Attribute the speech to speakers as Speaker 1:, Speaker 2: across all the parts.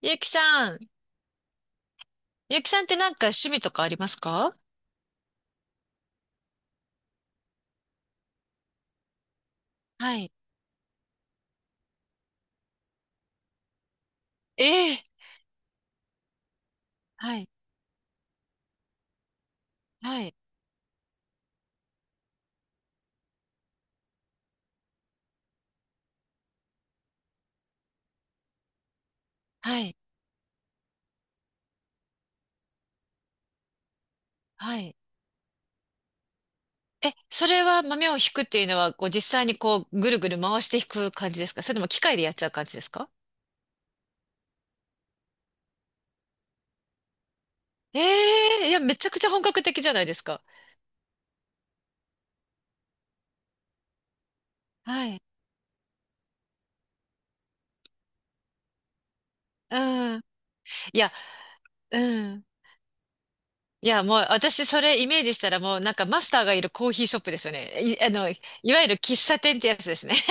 Speaker 1: ゆうきさん。ゆうきさんってなんか趣味とかありますか？はい。ええ。はい、はい、はい、はい。え、それは豆を引くっていうのは、こう実際にこうぐるぐる回して引く感じですか？それとも機械でやっちゃう感じですか？ええ、いや、めちゃくちゃ本格的じゃないですか。はい。うん。いや、うん。いや、もう私それイメージしたらもうなんかマスターがいるコーヒーショップですよね。い、あの、いわゆる喫茶店ってやつですね。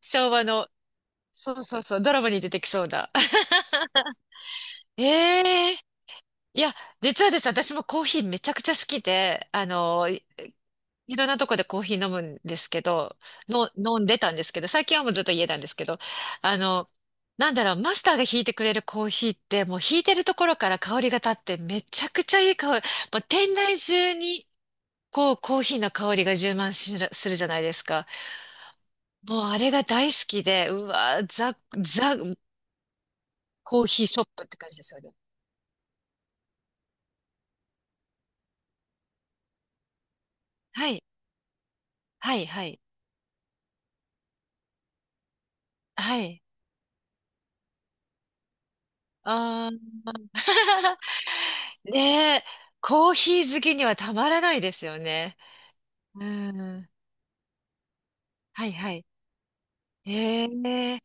Speaker 1: 昭和の。そうそうそう、ドラマに出てきそうだ。ええ、いや、実はですね、私もコーヒーめちゃくちゃ好きで、いろんなとこでコーヒー飲むんですけど、の、飲んでたんですけど、最近はもうずっと家なんですけど、あの、なんだろう、マスターが引いてくれるコーヒーって、もう引いてるところから香りが立って、めちゃくちゃいい香り、もう店内中に、こう、コーヒーの香りが充満しるするじゃないですか。もうあれが大好きで、うわー、ザ、ザ、コーヒーショップって感じですよね。はい、はい、はい、はい。あー。ねえ、コーヒー好きにはたまらないですよね。うん。はいはい。ええ、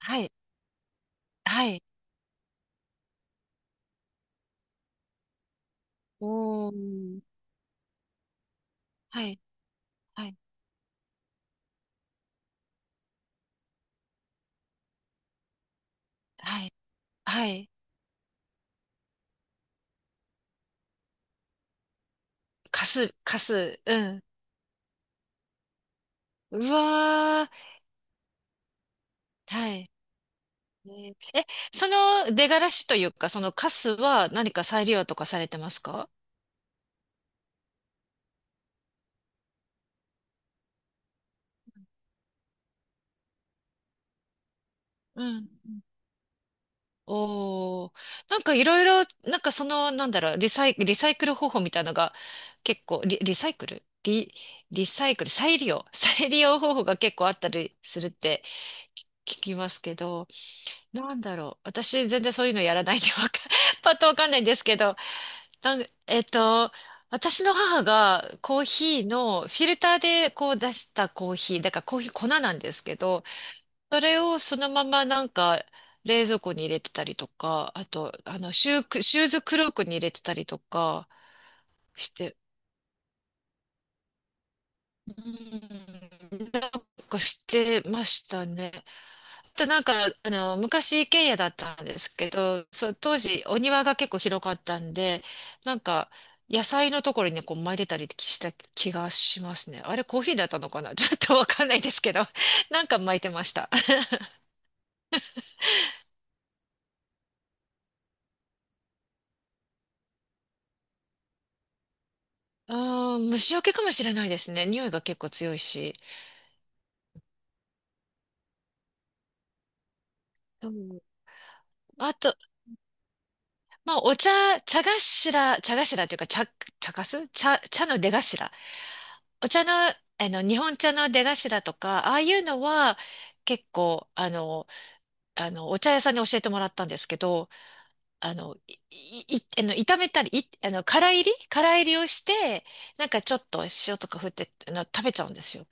Speaker 1: はい、はい。おー。はい、はい、はい、はい。かす、かす、うん。うわー。はい。ねえー、その出がらしというか、そのカスは何か再利用とかされてますか？うん。おー、なんかいろいろ、なんかその、なんだろう、リサイクル方法みたいなのが結構、リ、リサイクルリ、リサイクル、再利用、再利用方法が結構あったりするって聞きますけど、なんだろう、私全然そういうのやらないんでわか、パッとわかんないんですけど、なん、えっと、私の母がコーヒーのフィルターでこう出したコーヒー、だからコーヒー粉なんですけど、それをそのままなんか冷蔵庫に入れてたりとか、あと、あの、シューズクロークに入れてたりとかして、うん、なんかしてましたね。あとなんか、昔一軒家だったんですけど、そう、当時お庭が結構広かったんで、なんか、野菜のところにこう巻いてたりした気がしますね。あれコーヒーだったのかな？ ちょっとわかんないですけど、なんか巻いてました。あー、虫除けかもしれないですね。匂いが結構強いし。そう。あと、まあ、お茶、茶頭っていうか、茶の出頭。お茶の、あの、日本茶の出頭とか、ああいうのは、結構、お茶屋さんに教えてもらったんですけど、あの、い、い、いあの、炒めたり、い、あの、空炒りをして、なんかちょっと塩とか振って、あの、食べちゃうんですよ。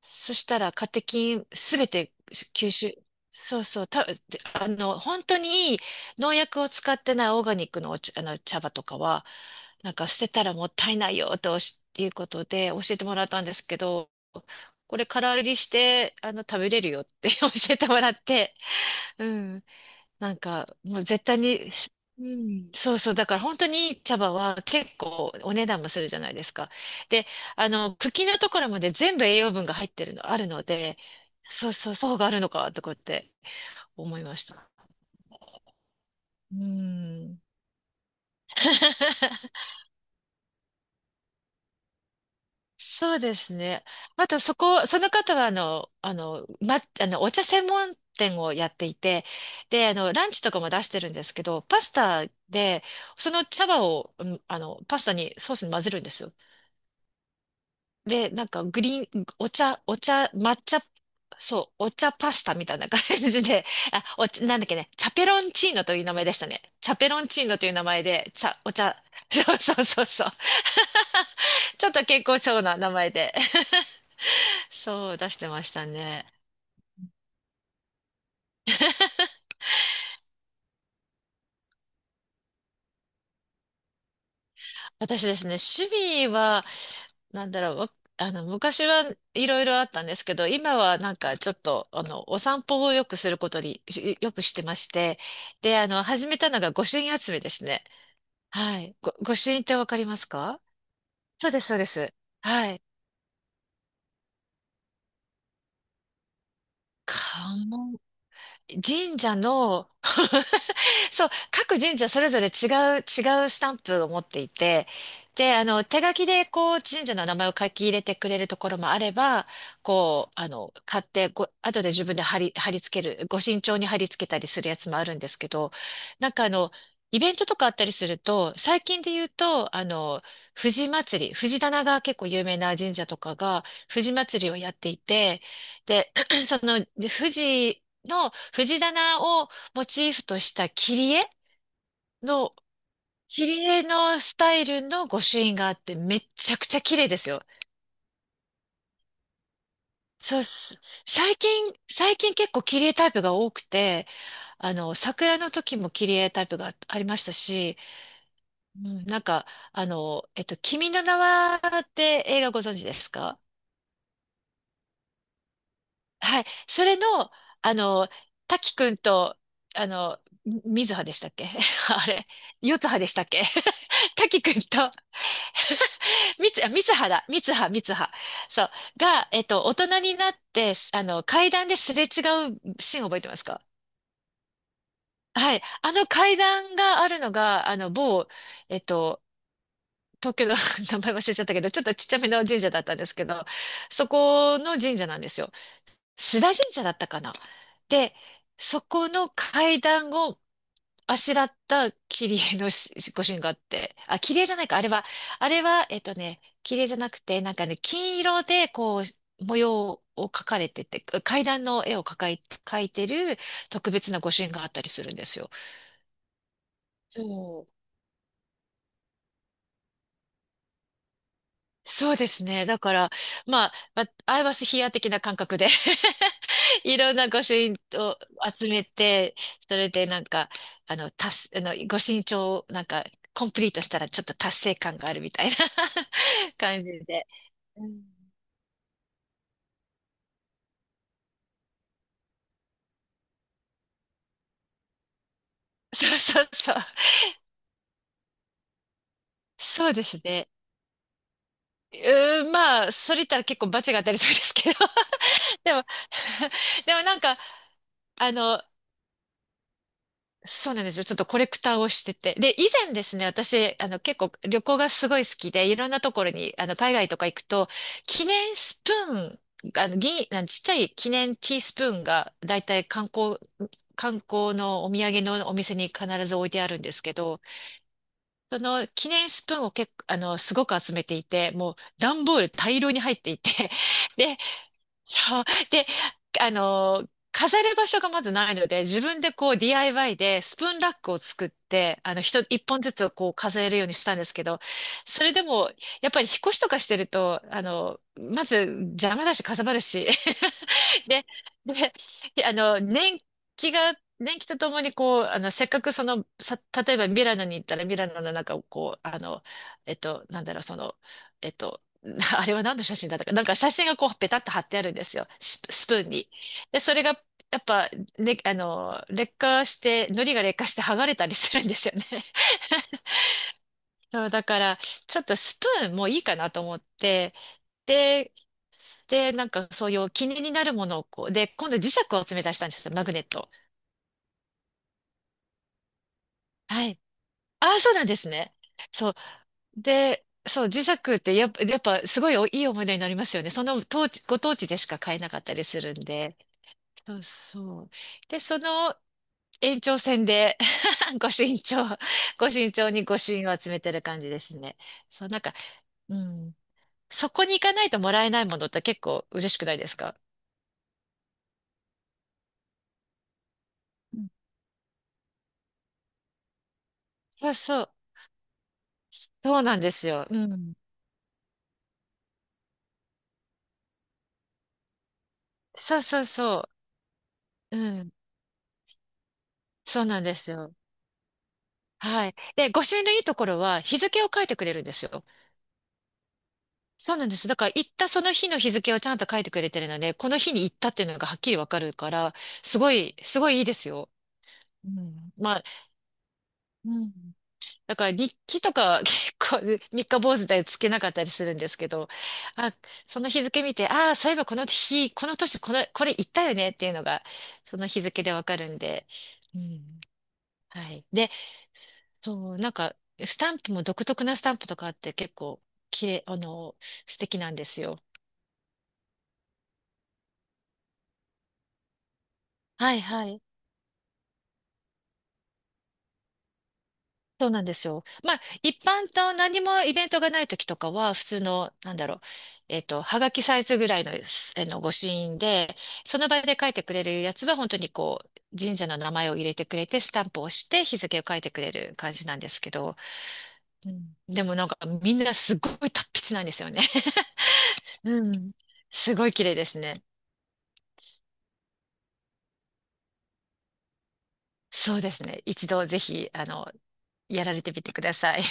Speaker 1: そしたらカテキンすべて吸収。そうそう、で、本当にいい農薬を使ってないオーガニックのお茶、あの茶葉とかは、なんか捨てたらもったいないよとしっていうことで教えてもらったんですけど、これから入りして、あの、食べれるよって 教えてもらって、うん。なんか、もう絶対に、うん、そうそう。だから本当にいい茶葉は結構お値段もするじゃないですか。で、茎のところまで全部栄養分が入ってるの、あるので、そうそう、そうがあるのか、とかって思いました。うん。そうですね。あと、そこ、その方は、あの、あの、ま、あの、お茶専門店をやっていて、で、ランチとかも出してるんですけど、パスタで、その茶葉を、うん、パスタに、ソースに混ぜるんですよ。で、なんか、グリーン、お茶、抹茶、そう、お茶パスタみたいな感じで、あ、お茶、なんだっけね、チャペロンチーノという名前でしたね。チャペロンチーノという名前で、茶、お茶、そうそうそうそう。ちょっと健康そうな名前で。そう、出してましたね。私ですね、趣味は、なんだろう、わあの、昔はいろいろあったんですけど、今はなんかちょっと、あの、お散歩をよくすることに、よくしてまして、で、あの、始めたのが御朱印集めですね。はい。御朱印ってわかりますか？そうです、そうです。はい。関門、神社の そう、各神社それぞれ違うスタンプを持っていて、で、あの、手書きで、こう、神社の名前を書き入れてくれるところもあれば、こう、あの、買って、ご、後で自分で貼り付ける、ご身長に貼り付けたりするやつもあるんですけど、なんかあの、イベントとかあったりすると、最近で言うと、あの、藤祭り、藤棚が結構有名な神社とかが、藤祭りをやっていて、で、その、藤藤棚モチーフとしたの、切り絵のスタイルの御朱印があってめっちゃくちゃ綺麗ですよ。そうっす。最近結構切り絵タイプが多くて、あの、桜の時も切り絵タイプがありましたし、うん、なんか、君の名はって映画ご存知ですか？はい。それの、あの、滝くんと、あの、み水葉でしたっけ？ あれ、四葉でしたっけ？ 滝くんとあ、みつはだ。みつは、みつは。そう。が、大人になって、あの、階段ですれ違うシーン覚えてますか？はい。あの階段があるのが、あの、某、えっと、東京の 名前忘れちゃったけど、ちょっとちっちゃめの神社だったんですけど、そこの神社なんですよ。須田神社だったかな。で、そこの階段をあしらった切り絵のご朱印があって、あ、切り絵じゃないか、あれは、あれは、えっとね、切り絵じゃなくて、なんかね、金色で、こう、模様を描かれてて、階段の絵を描いてる特別なご朱印があったりするんですよ。そうそうですね。だから、まあ、アイバスヒア的な感覚で いろんな御朱印を集めて、それでなんか、あの、達す、あの、御朱印帳をなんか、コンプリートしたらちょっと達成感があるみたいな 感じで。うん、そうそうそう。そうですね。うーん、まあ、それ言ったら結構バチが当たりそうですけど。でも、でもなんか、あの、そうなんですよ。ちょっとコレクターをしてて。で、以前ですね、私、結構旅行がすごい好きで、いろんなところに、海外とか行くと、記念スプーン、あの、銀、あのちっちゃい記念ティースプーンが、だいたい観光のお土産のお店に必ず置いてあるんですけど、その記念スプーンを結構、すごく集めていて、もう段ボール大量に入っていて、で、そう。で、あの、飾る場所がまずないので、自分でこう DIY でスプーンラックを作って、一本ずつをこう飾れるようにしたんですけど、それでも、やっぱり引っ越しとかしてると、まず邪魔だし、かさばるし、で、で、年季とともにこう、せっかく例えばミラノに行ったらミラノの中をこう、なんだろう、えっと、あれは何の写真だったか、なんか写真がこう、ペタッと貼ってあるんですよ、スプーンに。で、それが、やっぱ、ね、あの、劣化して、糊が劣化して剥がれたりするんですよね。そう、だから、ちょっとスプーンもういいかなと思って、で、で、なんかそういう気になるものをこう、で、今度磁石を詰め出したんですよ、マグネット。はい。ああ、そうなんですね。そう。で、そう、磁石ってやっぱすごいおいい思い出になりますよね。その当地、ご当地でしか買えなかったりするんで。そうそう。で、その延長線で ご身長、ご身長にご朱印を集めてる感じですね。そう、なんか、うん。そこに行かないともらえないものって結構嬉しくないですか？うん、そうそう。そうなんですよ。うん。そうそうそう。うん。そうなんですよ。はい。で、御朱印のいいところは、日付を書いてくれるんですよ。そうなんです。だから、行ったその日の日付をちゃんと書いてくれてるので、この日に行ったっていうのがはっきりわかるから、すごいいいですよ。うん。まあ、うん。だから、日記とか、結構、三日坊主でつけなかったりするんですけど、あ、その日付見て、ああ、そういえばこの日、この年、これ行ったよねっていうのが、その日付でわかるんで、うん。はい。で、そう、なんか、スタンプも独特なスタンプとかあって結構、きれい、素敵なんですよ。はいはい。そうなんですよ。まあ、一般と何もイベントがない時とかは、普通の、なんだろう、えっと、はがきサイズぐらいの、あの、御朱印で、その場で書いてくれるやつは、本当にこう、神社の名前を入れてくれて、スタンプを押して、日付を書いてくれる感じなんですけど、うん、でもなんか、みんなすごい達筆なんですよね。うん。すごい綺麗ですね。そうですね。一度ぜひ、やられてみてください。